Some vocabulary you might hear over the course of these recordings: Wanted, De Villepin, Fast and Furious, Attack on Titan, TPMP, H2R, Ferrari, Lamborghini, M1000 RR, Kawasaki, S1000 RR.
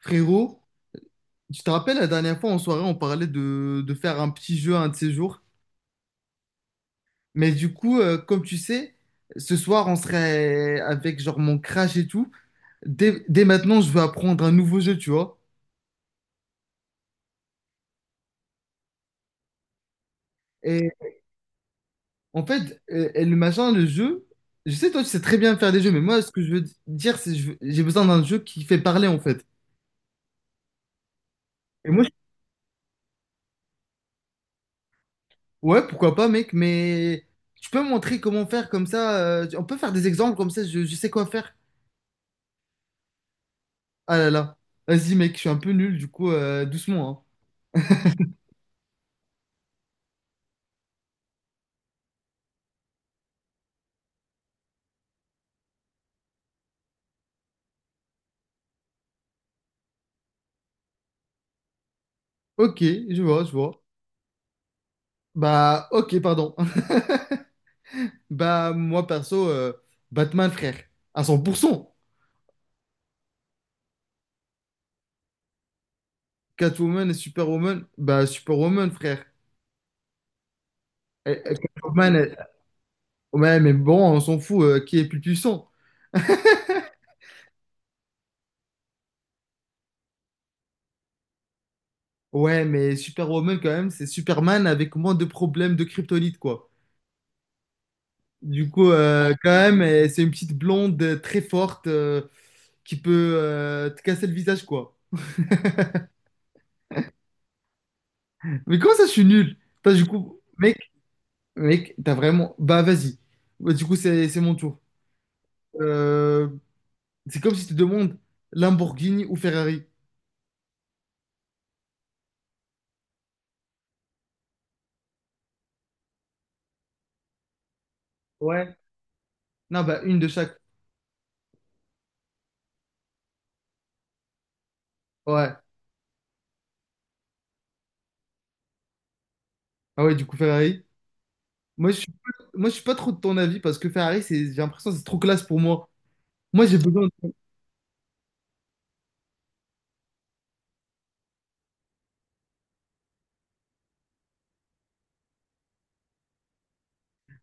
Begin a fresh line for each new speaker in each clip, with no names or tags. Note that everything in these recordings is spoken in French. Frérot, tu te rappelles la dernière fois en soirée, on parlait de faire un petit jeu un de ces jours. Mais du coup, comme tu sais, ce soir, on serait avec genre mon crash et tout. Dès maintenant, je veux apprendre un nouveau jeu, tu vois. Et en fait, et le jeu, je sais, toi, tu sais très bien faire des jeux, mais moi, ce que je veux dire, c'est que j'ai besoin d'un jeu qui fait parler, en fait. Et moi, ouais, pourquoi pas, mec, mais tu peux me montrer comment faire comme ça. On peut faire des exemples comme ça, je sais quoi faire. Ah là là. Vas-y, mec, je suis un peu nul, du coup, doucement, hein. Ok, je vois, je vois. Bah, ok, pardon. Bah, moi, perso, Batman, frère. À 100%. Catwoman et Superwoman. Bah, Superwoman, frère. Eh, eh, Catwoman. Ouais, mais bon, on s'en fout, qui est plus puissant? Ouais, mais Superwoman, quand même, c'est Superman avec moins de problèmes de kryptonite, quoi. Du coup, quand même, eh, c'est une petite blonde très forte qui peut te casser le visage, quoi. Mais comment ça, je suis nul? T'as du coup, mec, mec, t'as vraiment. Bah, vas-y. Bah, du coup, c'est mon tour. Euh, c'est comme si tu demandes Lamborghini ou Ferrari. Ouais. Non, bah, une de chaque. Ouais. Ah ouais, du coup, Ferrari. Moi, je suis pas, moi, je suis pas trop de ton avis parce que Ferrari, c'est, j'ai l'impression que c'est trop classe pour moi. Moi, j'ai besoin.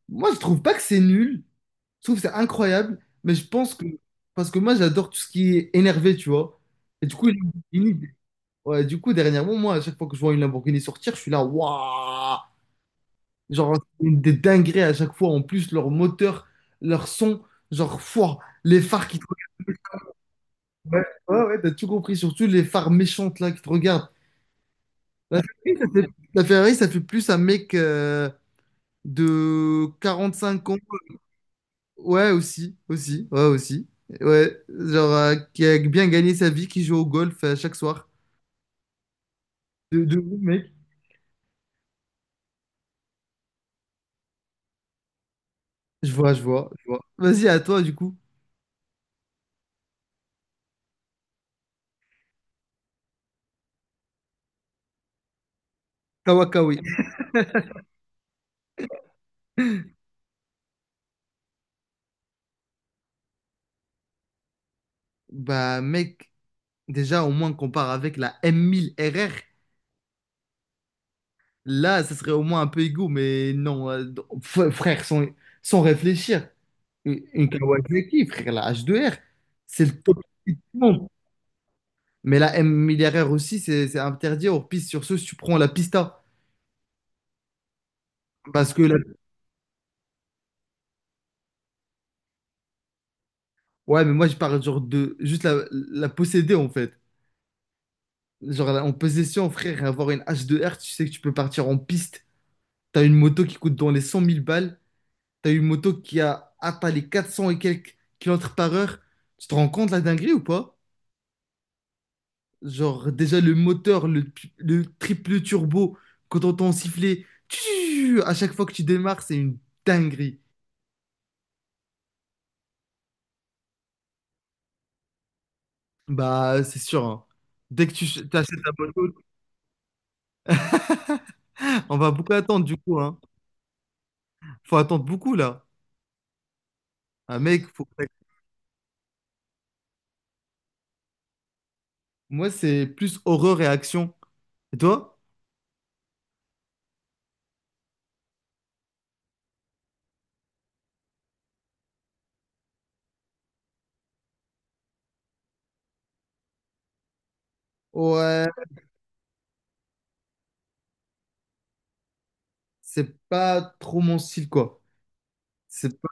Moi, je trouve pas que c'est nul. Je trouve que c'est incroyable. Mais je pense que. Parce que moi, j'adore tout ce qui est énervé, tu vois. Et du coup, Lamborghini, ouais, du coup, dernièrement, moi, à chaque fois que je vois une Lamborghini sortir, je suis là, waouh! Genre, c'est une des dingueries à chaque fois. En plus, leur moteur, leur son, genre, fouah, les phares qui te regardent. Ouais, ouais, ouais, t'as tout compris. Surtout les phares méchantes, là, qui te regardent. La, la Ferrari, ça fait plus un mec de 5 ans. Ouais, aussi, aussi. Ouais, genre, qui a bien gagné sa vie, qui joue au golf chaque soir. De ouf, mec. Je vois, je vois, je vois. Vas-y, à toi, du coup. Kawakawi. Bah, mec, déjà, au moins, qu'on part avec la M1000 RR. Là, ça serait au moins un peu égaux, mais non, frère, sans réfléchir. Une Kawasaki, frère, la H2R c'est le top du monde. Mais la M1000 RR aussi, c'est interdit hors piste. Sur ce, si tu prends la Pista. Parce que, la- ouais, mais moi, je parle genre de juste la posséder, en fait. Genre, en possession, frère, avoir une H2R tu sais que tu peux partir en piste. T'as une moto qui coûte dans les 100 000 balles. T'as une moto qui a atteint les 400 et quelques kilomètres par heure. Tu te rends compte la dinguerie ou pas? Genre, déjà le moteur, le triple turbo, quand on t'entend siffler, tchou, à chaque fois que tu démarres, c'est une dinguerie. Bah, c'est sûr, hein. Dès que t'achètes ta moto, on va beaucoup attendre du coup, hein. Faut attendre beaucoup là. Un mec, faut... Moi, c'est plus horreur et action. Et toi? Ouais, c'est pas trop mon style quoi. C'est pas-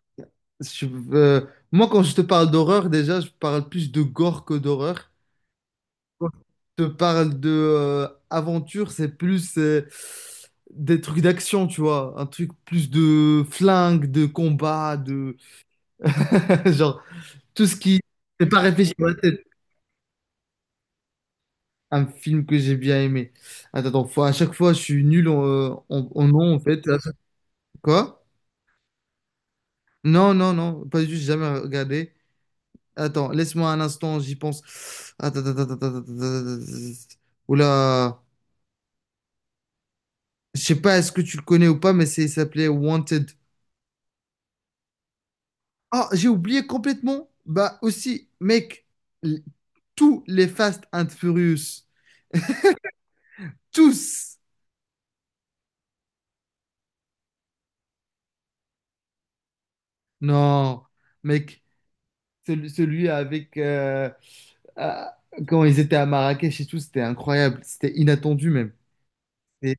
je- euh, Moi, quand je te parle d'horreur, déjà, je parle plus de gore que d'horreur. Quand je te parle de aventure, c'est plus des trucs d'action, tu vois. Un truc plus de flingue, de combat, de. Genre, tout ce qui. C'est pas réfléchi dans la tête. Un film que j'ai bien aimé. Attends, attends, à chaque fois, je suis nul en nom, en fait. Quoi? Non, non, non, pas du tout, j'ai jamais regardé. Attends, laisse-moi un instant, j'y pense. Attends, attends, attends, attends, attends, attends, oula. Je sais pas, est-ce que tu le connais ou pas, mais il s'appelait Wanted. Ah, j'ai oublié complètement. Bah aussi, mec, l- tous les Fast and Furious, tous. Non, mec, celui avec... ah, quand ils étaient à Marrakech et tout, c'était incroyable. C'était inattendu même. Et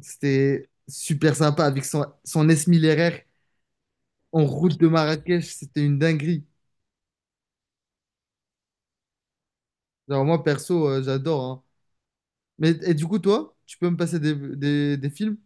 c'était super sympa avec son S1000 RR. En route de Marrakech, c'était une dinguerie. Genre, moi, perso, j'adore, hein. Mais et du coup, toi, tu peux me passer des films?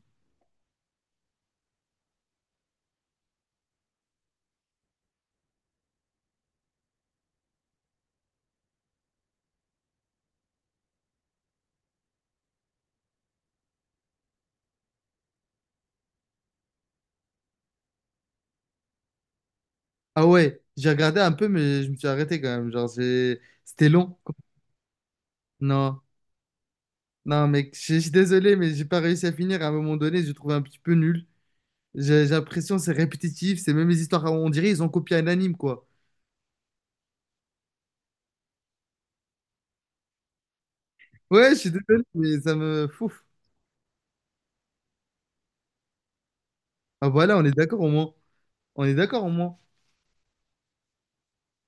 Ah ouais, j'ai regardé un peu, mais je me suis arrêté quand même. Genre, c'était long. Non, non, mec, je suis désolé, mais j'ai pas réussi à finir. À un moment donné, j'ai trouvé un petit peu nul. J'ai l'impression que c'est répétitif, c'est même les histoires. On dirait ils ont copié un anime, quoi. Ouais, je suis désolé, mais ça me fouf. Ah voilà, on est d'accord au moins. On est d'accord au moins.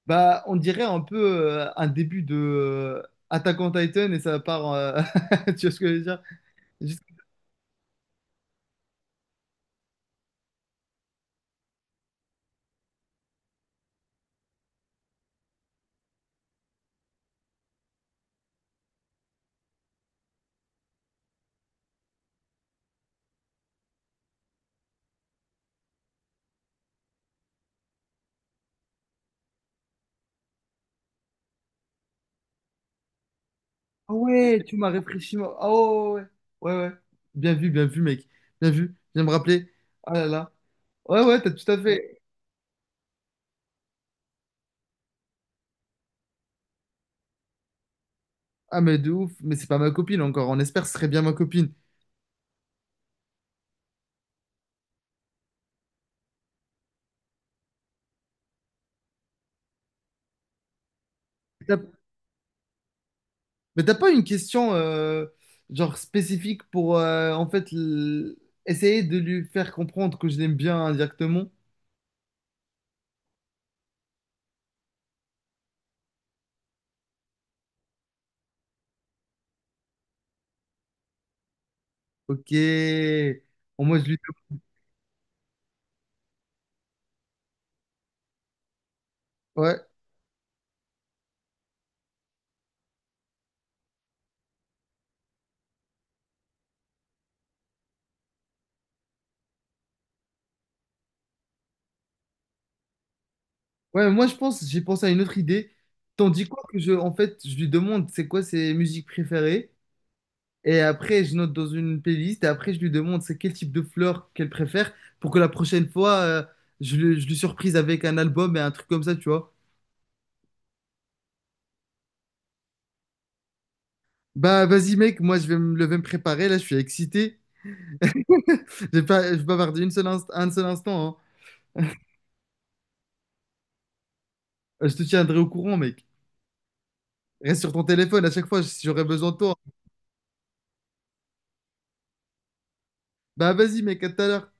Bah, on dirait un peu un début de Attack on Titan et ça part. Tu vois ce que je veux dire? Juste, ah ouais, tu m'as réfléchi, moi. Ah ouais, ouais, ouais, ouais, ouais. Bien vu, mec. Bien vu. Viens me rappeler. Ah là là. Ouais, ouais, t'as tout à fait. Ah, mais de ouf. Mais c'est pas ma copine encore. On espère que ce serait bien ma copine. T'as- Mais t'as pas une question genre spécifique pour en fait essayer de lui faire comprendre que je l'aime bien indirectement? Ok. Au moins, je lui. Ouais. Ouais, moi je pense, j'ai pensé à une autre idée. Tandis quoi que en fait, je lui demande c'est quoi ses musiques préférées, et après je note dans une playlist, et après je lui demande c'est quel type de fleurs qu'elle préfère, pour que la prochaine fois, je lui surprise avec un album et un truc comme ça, tu vois. Bah vas-y mec, moi je vais me lever me préparer, là je suis excité. J'ai pas, je bavardé une seule un seul instant, hein. Je te tiendrai au courant mec. Reste sur ton téléphone à chaque fois si j'aurai besoin de toi. Bah vas-y mec, à tout à l'heure.